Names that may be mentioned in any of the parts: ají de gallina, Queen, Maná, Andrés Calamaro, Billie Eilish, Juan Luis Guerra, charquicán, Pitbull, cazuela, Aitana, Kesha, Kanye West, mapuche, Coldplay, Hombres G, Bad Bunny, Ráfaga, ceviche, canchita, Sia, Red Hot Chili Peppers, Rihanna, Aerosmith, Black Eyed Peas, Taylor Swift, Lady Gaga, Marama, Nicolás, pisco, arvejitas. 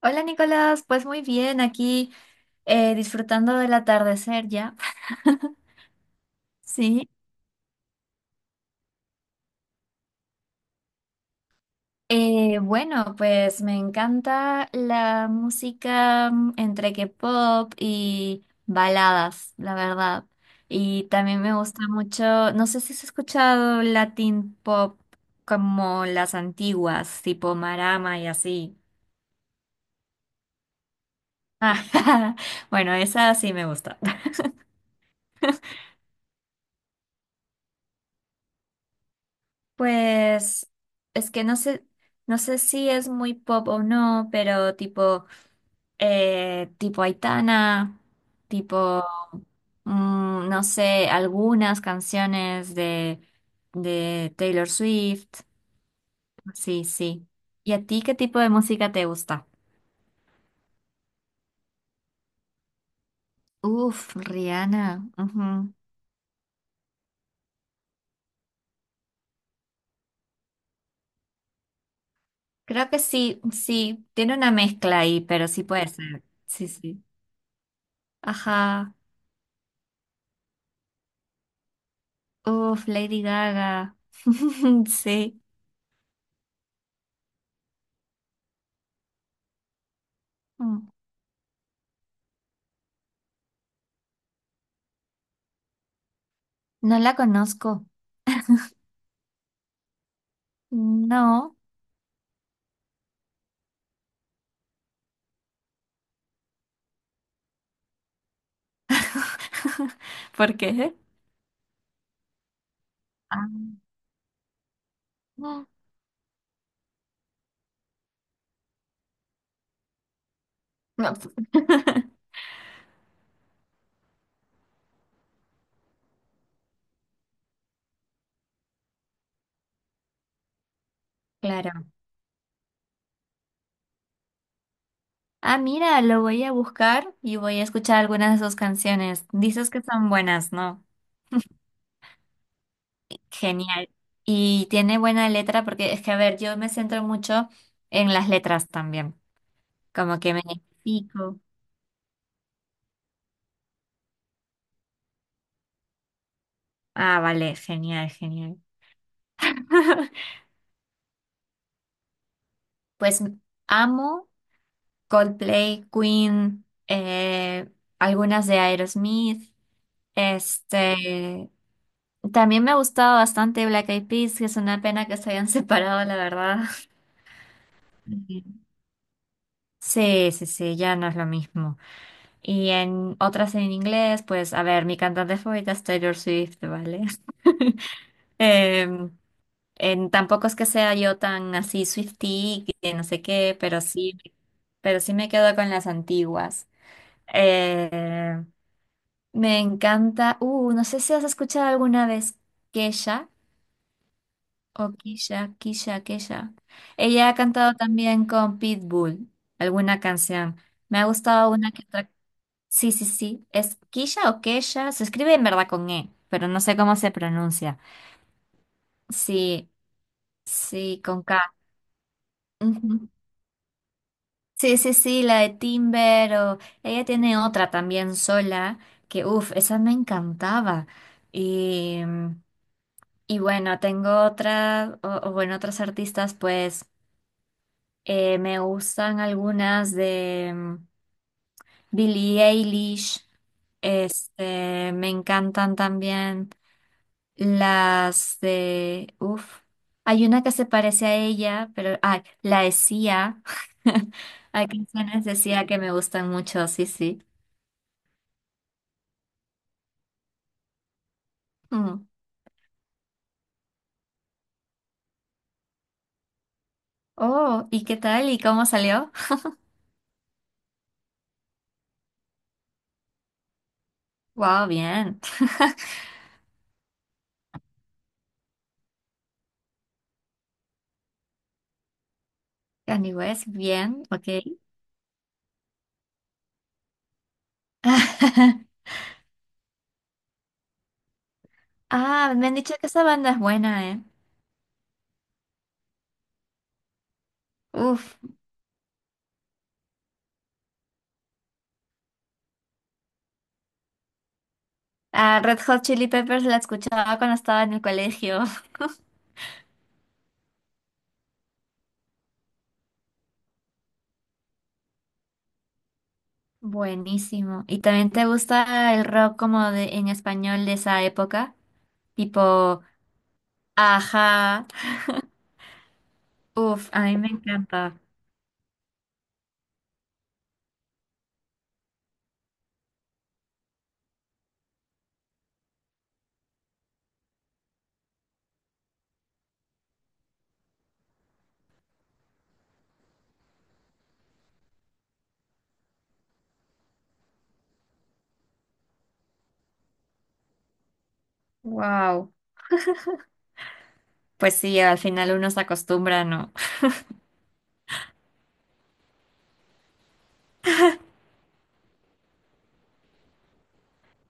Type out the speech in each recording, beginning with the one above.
Hola Nicolás, pues muy bien, aquí disfrutando del atardecer ya. Sí. Bueno, pues me encanta la música, entre que pop y baladas, la verdad. Y también me gusta mucho, no sé si has escuchado Latin pop, como las antiguas, tipo Marama y así. Ah, bueno, esa sí me gusta. Pues es que no sé, no sé si es muy pop o no, pero tipo, tipo Aitana, tipo, no sé, algunas canciones de Taylor Swift. Sí, sí. ¿Y a ti qué tipo de música te gusta? Uf, Rihanna. Ujú. Creo que sí, sí, tiene una mezcla ahí, pero sí puede ser. Sí, sí. Ajá. Uf, Lady Gaga. Sí. Mm. No la conozco. No. ¿Por qué? Ah, mm, no. Pues. Claro. Ah, mira, lo voy a buscar y voy a escuchar algunas de sus canciones. Dices que son buenas, ¿no? Genial. Y tiene buena letra, porque es que, a ver, yo me centro mucho en las letras también. Como que me identifico. Ah, vale, genial, genial. Pues amo Coldplay, Queen, algunas de Aerosmith. Este, también me ha gustado bastante Black Eyed Peas, que es una pena que se hayan separado, la verdad. Ujú. Sí, sí, sí, ya no es lo mismo. Y en otras en inglés, pues, a ver, mi cantante favorita es Taylor Swift, ¿vale? Em, tampoco es que sea yo tan así Swiftie, que no sé qué, pero sí me quedo con las antiguas. Eh, Me encanta. No sé si has escuchado alguna vez Kesha o Kisha, Kisha, Kesha. Ella ha cantado también con Pitbull alguna canción. Me ha gustado una que otra. Sí, sí, sí. ¿Es Kisha o Kesha? Se escribe en verdad con E, pero no sé cómo se pronuncia. Sí, sí, con K. Ujú. Sí, sí, sí, la de Timber o... Ella tiene otra también sola que, uff, esa me encantaba. Y... mm. Y bueno, tengo otras, o bueno, otras artistas, pues me gustan algunas de, Billie Eilish. Este, me encantan también uff, hay una que se parece a ella, pero, ah, la de Sia. Hay canciones de Sia que me gustan mucho, sí, sí. Mm. Oh, ¿y qué tal? ¿Y cómo salió? Wow, bien. Kanye West, bien, ok. Ah, me han dicho que esa banda es buena, ¿eh? Uf. Ah, Red Hot Chili Peppers la escuchaba cuando estaba en el colegio. Buenísimo. ¿Y también te gusta el rock como de en español de esa época? Tipo, ajá. Uf, a mí me encanta. Wow. Pues sí, al final uno se acostumbra, ¿no?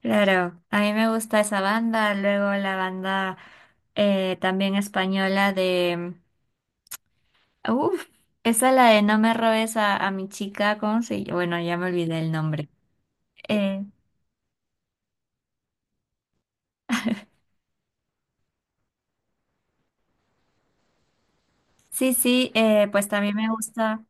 Claro, a mí me gusta esa banda, luego la banda, también española. Uf, esa es la de no me robes a mi chica, ¿cómo se llama? Bueno, ya me olvidé el nombre. Eh, sí, sí, pues también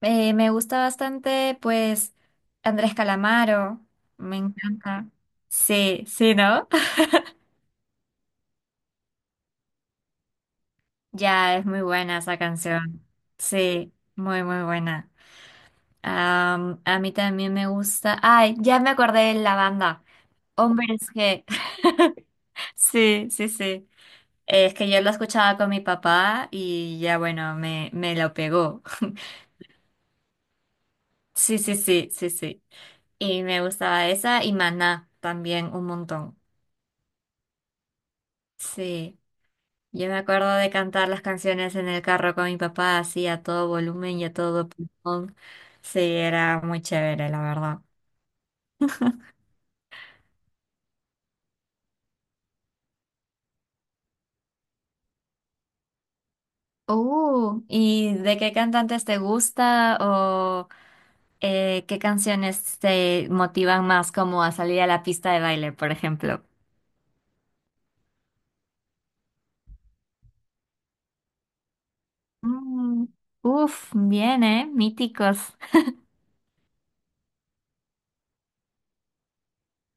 me gusta bastante, pues, Andrés Calamaro, me encanta. Sí, sí, ¿no? Ya, es muy buena esa canción. Sí, muy, muy buena. Am, a mí también me gusta. Ay, ya me acordé de la banda. Hombres G. Sí, sí, sí. Es que yo lo escuchaba con mi papá y ya bueno, me lo pegó. Sí, sí, sí, sí, sí. Y me gustaba esa y Maná también un montón. Sí, yo me acuerdo de cantar las canciones en el carro con mi papá así a todo volumen y a todo pulmón. Sí, era muy chévere, la verdad. ¿Y de qué cantantes te gusta o qué canciones te motivan más como a salir a la pista de baile, por ejemplo? Mm. Uf, bien, ¿eh? Míticos.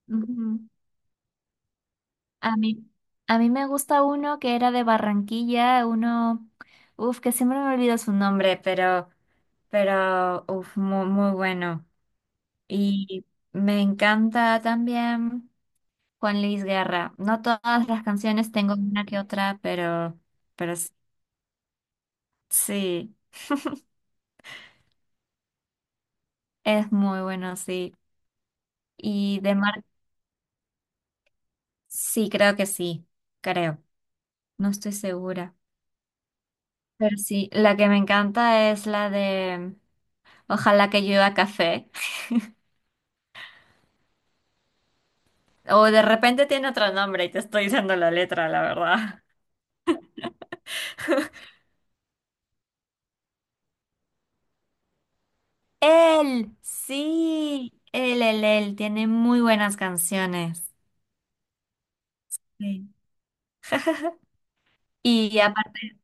Ujú. A mí, a mí me gusta uno que era de Barranquilla, uno, uf, que siempre me olvido su nombre, pero, uf, muy, muy bueno. Y me encanta también Juan Luis Guerra. No todas las canciones, tengo una que otra, pero, pero s- sí, es muy bueno, sí. Y de Mar, sí, creo que sí, creo. No estoy segura. Pero sí, la que me encanta es la de Ojalá que llueva café. O de repente tiene otro nombre y te estoy diciendo la letra, la verdad. Él, sí, él tiene muy buenas canciones. Sí. Y aparte,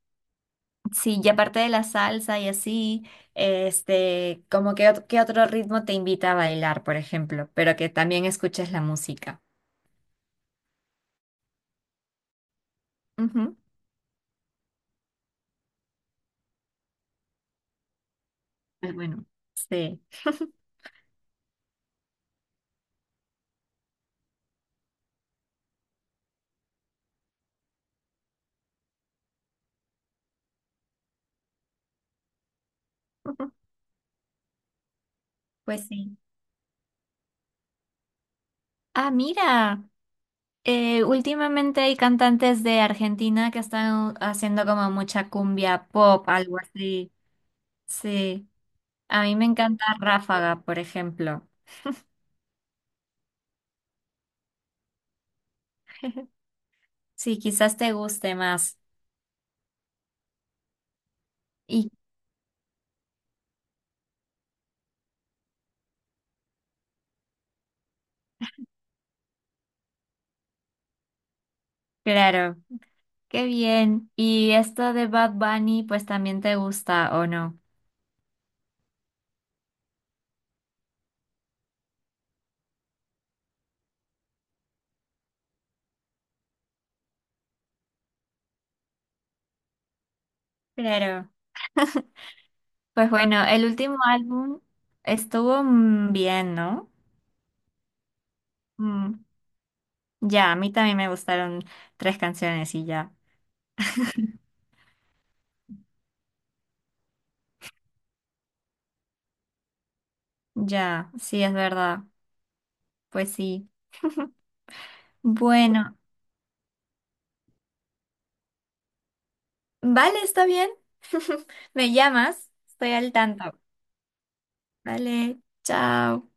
sí, y aparte de la salsa y así, este, como que, qué otro ritmo te invita a bailar, por ejemplo, pero que también escuches la música. Ujú. Pues bueno, sí. Pues sí. Ah, mira. Últimamente hay cantantes de Argentina que están haciendo como mucha cumbia pop, algo así. Sí, a mí me encanta Ráfaga, por ejemplo. Sí, quizás te guste más. Y claro, qué bien. Y esto de Bad Bunny, pues también te gusta, ¿o no? Claro. Pues bueno, el último álbum estuvo, bien, ¿no? Mm, ya, a mí también me gustaron tres canciones y ya. Ya, sí, es verdad. Pues sí. Bueno, vale, está bien. Me llamas, estoy al tanto. Vale, chao.